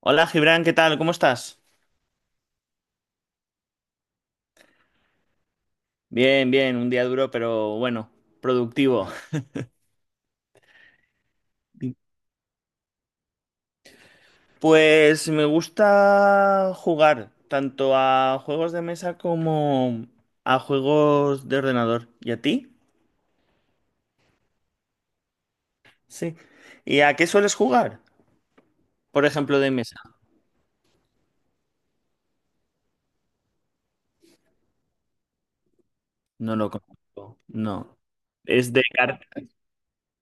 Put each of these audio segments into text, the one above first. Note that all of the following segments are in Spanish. Hola Gibran, ¿qué tal? ¿Cómo estás? Bien, bien, un día duro, pero bueno, productivo. Pues me gusta jugar tanto a juegos de mesa como a juegos de ordenador. ¿Y a ti? Sí. ¿Y a qué sueles jugar? Por ejemplo, de mesa. No lo conozco. No. Es de cartas.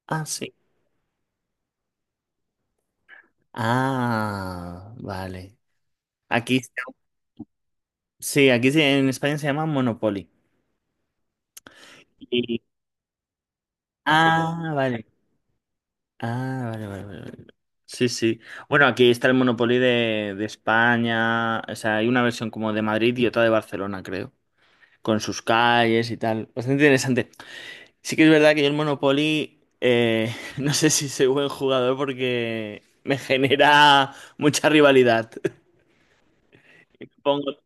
Ah, sí. Ah, vale. Aquí se- sí, en España se llama Monopoly. Y- Ah, vale. Ah, vale, vale, vale, vale. Sí, sí. Bueno, aquí está el Monopoly de España. O sea, hay una versión como de Madrid y otra de Barcelona, creo. Con sus calles y tal. Bastante interesante. Sí que es verdad que yo el Monopoly, no sé si soy buen jugador porque me genera mucha rivalidad. Me pongo-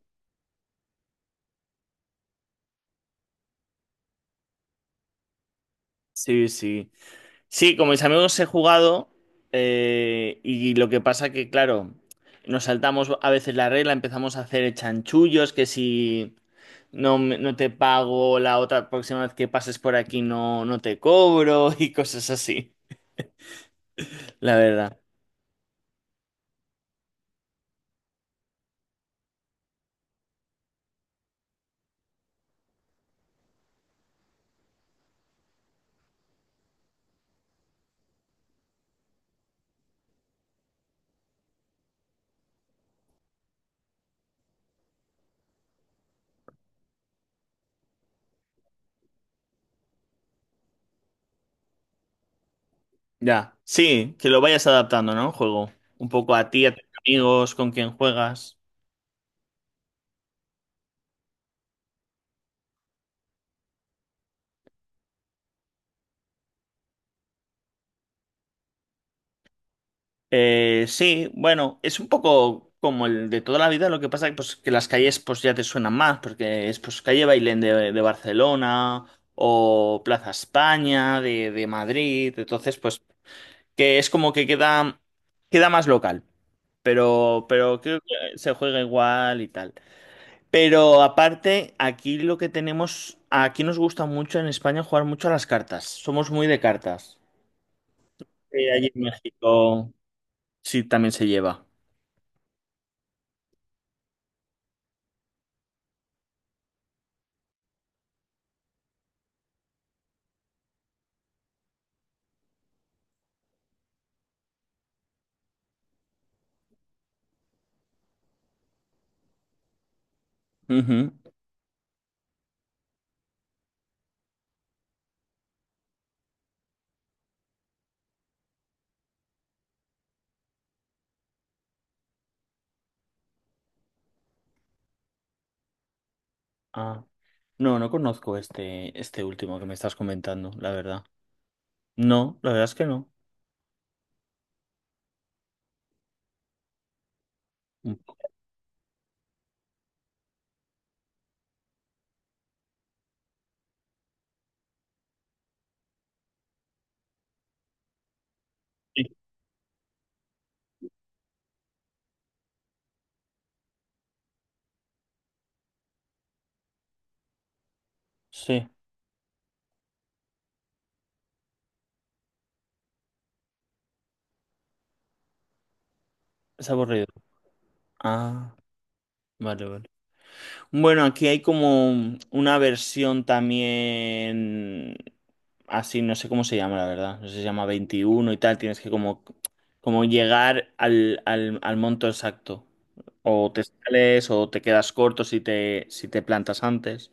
Sí, sí. Sí, con mis amigos he jugado y lo que pasa que, claro, nos saltamos a veces la regla, empezamos a hacer chanchullos, que si no, no te pago la otra próxima vez que pases por aquí, no, no te cobro y cosas así, la verdad. Ya, sí, que lo vayas adaptando, ¿no? El juego. Un poco a ti, a tus amigos, con quien juegas. Sí, bueno, es un poco como el de toda la vida, lo que pasa que, pues, que las calles pues ya te suenan más, porque es pues calle Bailén de Barcelona o Plaza España de Madrid, entonces pues que es como que queda, queda más local. Pero creo que se juega igual y tal. Pero aparte, aquí lo que tenemos, aquí nos gusta mucho en España jugar mucho a las cartas. Somos muy de cartas. Allí en México sí también se lleva. Ujú. Ah, no, no conozco este último que me estás comentando, la verdad. No, la verdad es que no. Sí, sí, es aburrido. Ah, vale, vale. Bueno, aquí hay como una versión también así, no sé cómo se llama, la verdad. No sé si se llama 21 y tal. Tienes que como, como llegar al monto exacto. O te sales o te quedas corto si te, si te plantas antes.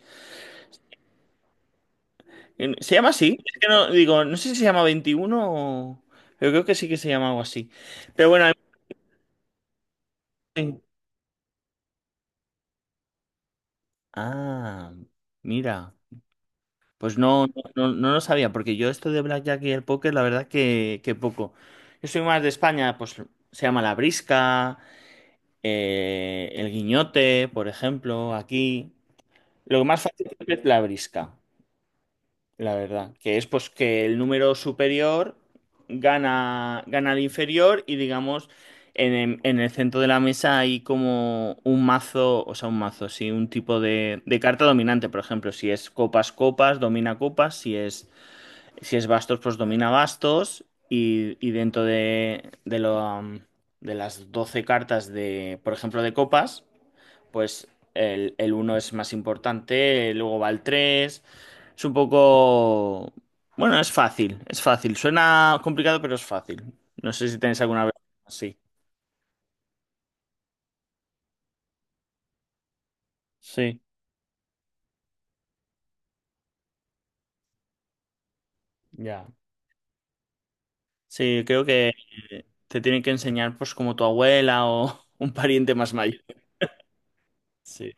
¿Se llama así? Es que no, digo, no sé si se llama 21, o... Pero creo que sí que se llama algo así. Pero bueno, hay- ah, mira. Pues no, no, no lo sabía, porque yo esto de blackjack y el póker, la verdad que poco. Yo soy más de España, pues se llama la brisca, el guiñote, por ejemplo, aquí. Lo más fácil siempre es la brisca, la verdad, que es pues que el número superior gana, gana al inferior y digamos, el en el centro de la mesa hay como un mazo, o sea, un mazo, sí, un tipo de carta dominante. Por ejemplo, si es copas, copas, domina copas, si es si es Bastos, pues domina Bastos. Y, y dentro lo, de las 12 cartas de, por ejemplo, de copas, pues el uno es más importante, luego va el tres. Es un poco... Bueno, es fácil, es fácil. Suena complicado, pero es fácil. No sé si tenéis alguna vez así. Sí, ya. Sí, creo que te tienen que enseñar pues como tu abuela o un pariente más mayor. Sí.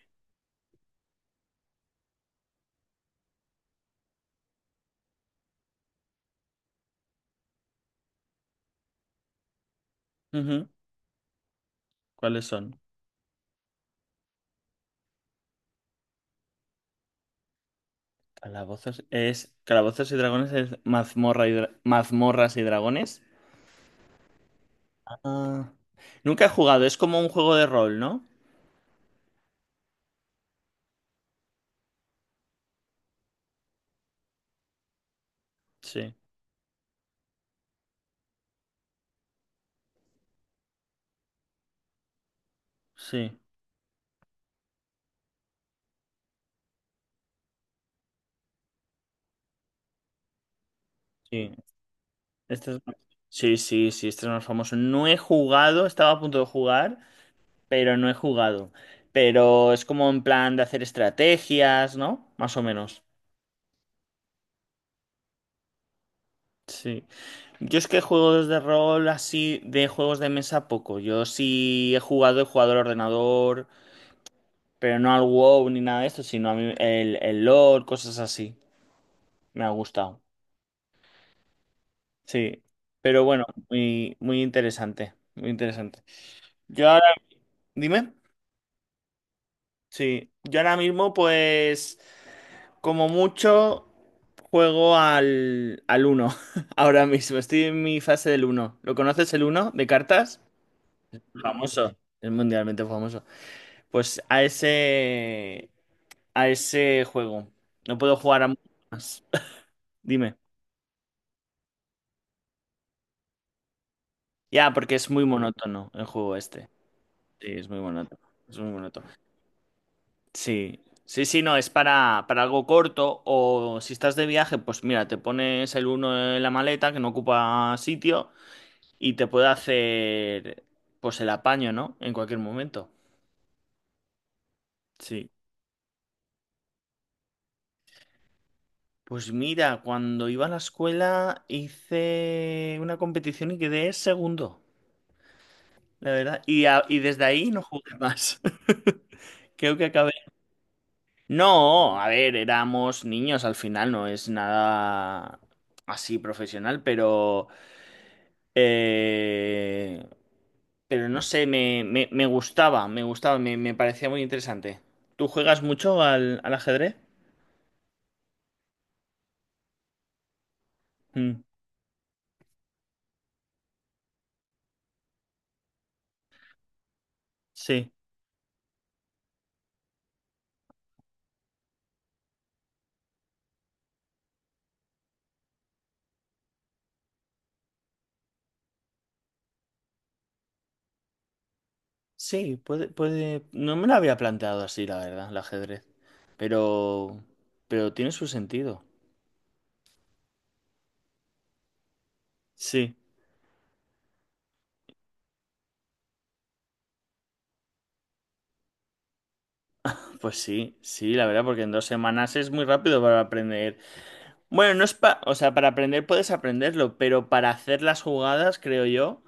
Ujú. ¿Cuáles son? Calabozos es. Calabozos y Dragones es mazmorra Mazmorras y Dragones. Ah, nunca he jugado, es como un juego de rol, ¿no? Sí, sí, sí. Este es... Sí, sí, sí, este es más famoso. No he jugado, estaba a punto de jugar, pero no he jugado. Pero es como en plan de hacer estrategias, ¿no? Más o menos. Sí. Yo es que juegos de rol así, de juegos de mesa, poco. Yo sí he jugado al ordenador. Pero no al WoW ni nada de esto, sino a mí el lore, cosas así. Me ha gustado. Sí. Pero bueno, muy, muy interesante. Muy interesante. Yo ahora, dime. Sí. Yo ahora mismo, pues, como mucho, juego al uno. Ahora mismo. Estoy en mi fase del uno. ¿Lo conoces el uno de cartas? Famoso. Es mundialmente famoso. Pues a ese juego. No puedo jugar a más. Dime. Ya, porque es muy monótono el juego este. Sí, es muy monótono. Es muy monótono. Sí. Sí, sí, no, es para algo corto. O si estás de viaje, pues mira, te pones el uno en la maleta que no ocupa sitio y te puede hacer pues el apaño, ¿no? En cualquier momento. Sí. Pues mira, cuando iba a la escuela hice una competición y quedé segundo, la verdad. Y desde ahí no jugué más. Creo que acabé. No, a ver, éramos niños al final, no es nada así profesional, eh, pero no sé, me gustaba, me gustaba, me parecía muy interesante. ¿Tú juegas mucho al ajedrez? Mm, sí, sí, puede, puede... No me lo había planteado así, la verdad, el ajedrez. Pero... Pero tiene su sentido. Sí, pues sí, sí, la verdad, porque en 2 semanas es muy rápido para aprender. Bueno, no es pa, o sea, para aprender puedes aprenderlo, pero para hacer las jugadas, creo yo,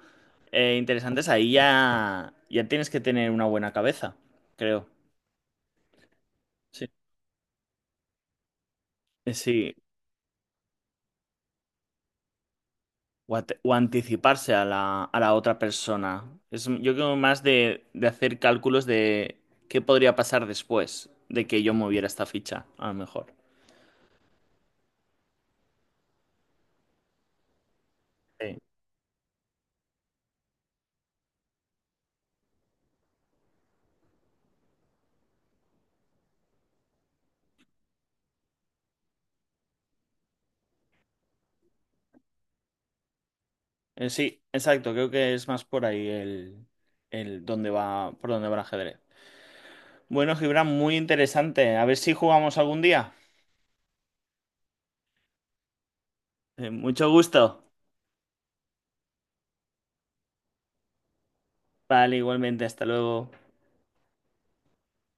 interesantes, ahí ya, ya tienes que tener una buena cabeza, creo. Sí. Sí. O, o anticiparse a la otra persona. Es, yo creo más de hacer cálculos de qué podría pasar después de que yo moviera esta ficha, a lo mejor. Sí, sí, exacto, creo que es más por ahí el dónde va, por dónde va el ajedrez. Bueno, Gibran, muy interesante. A ver si jugamos algún día. Mucho gusto. Vale, igualmente, hasta luego.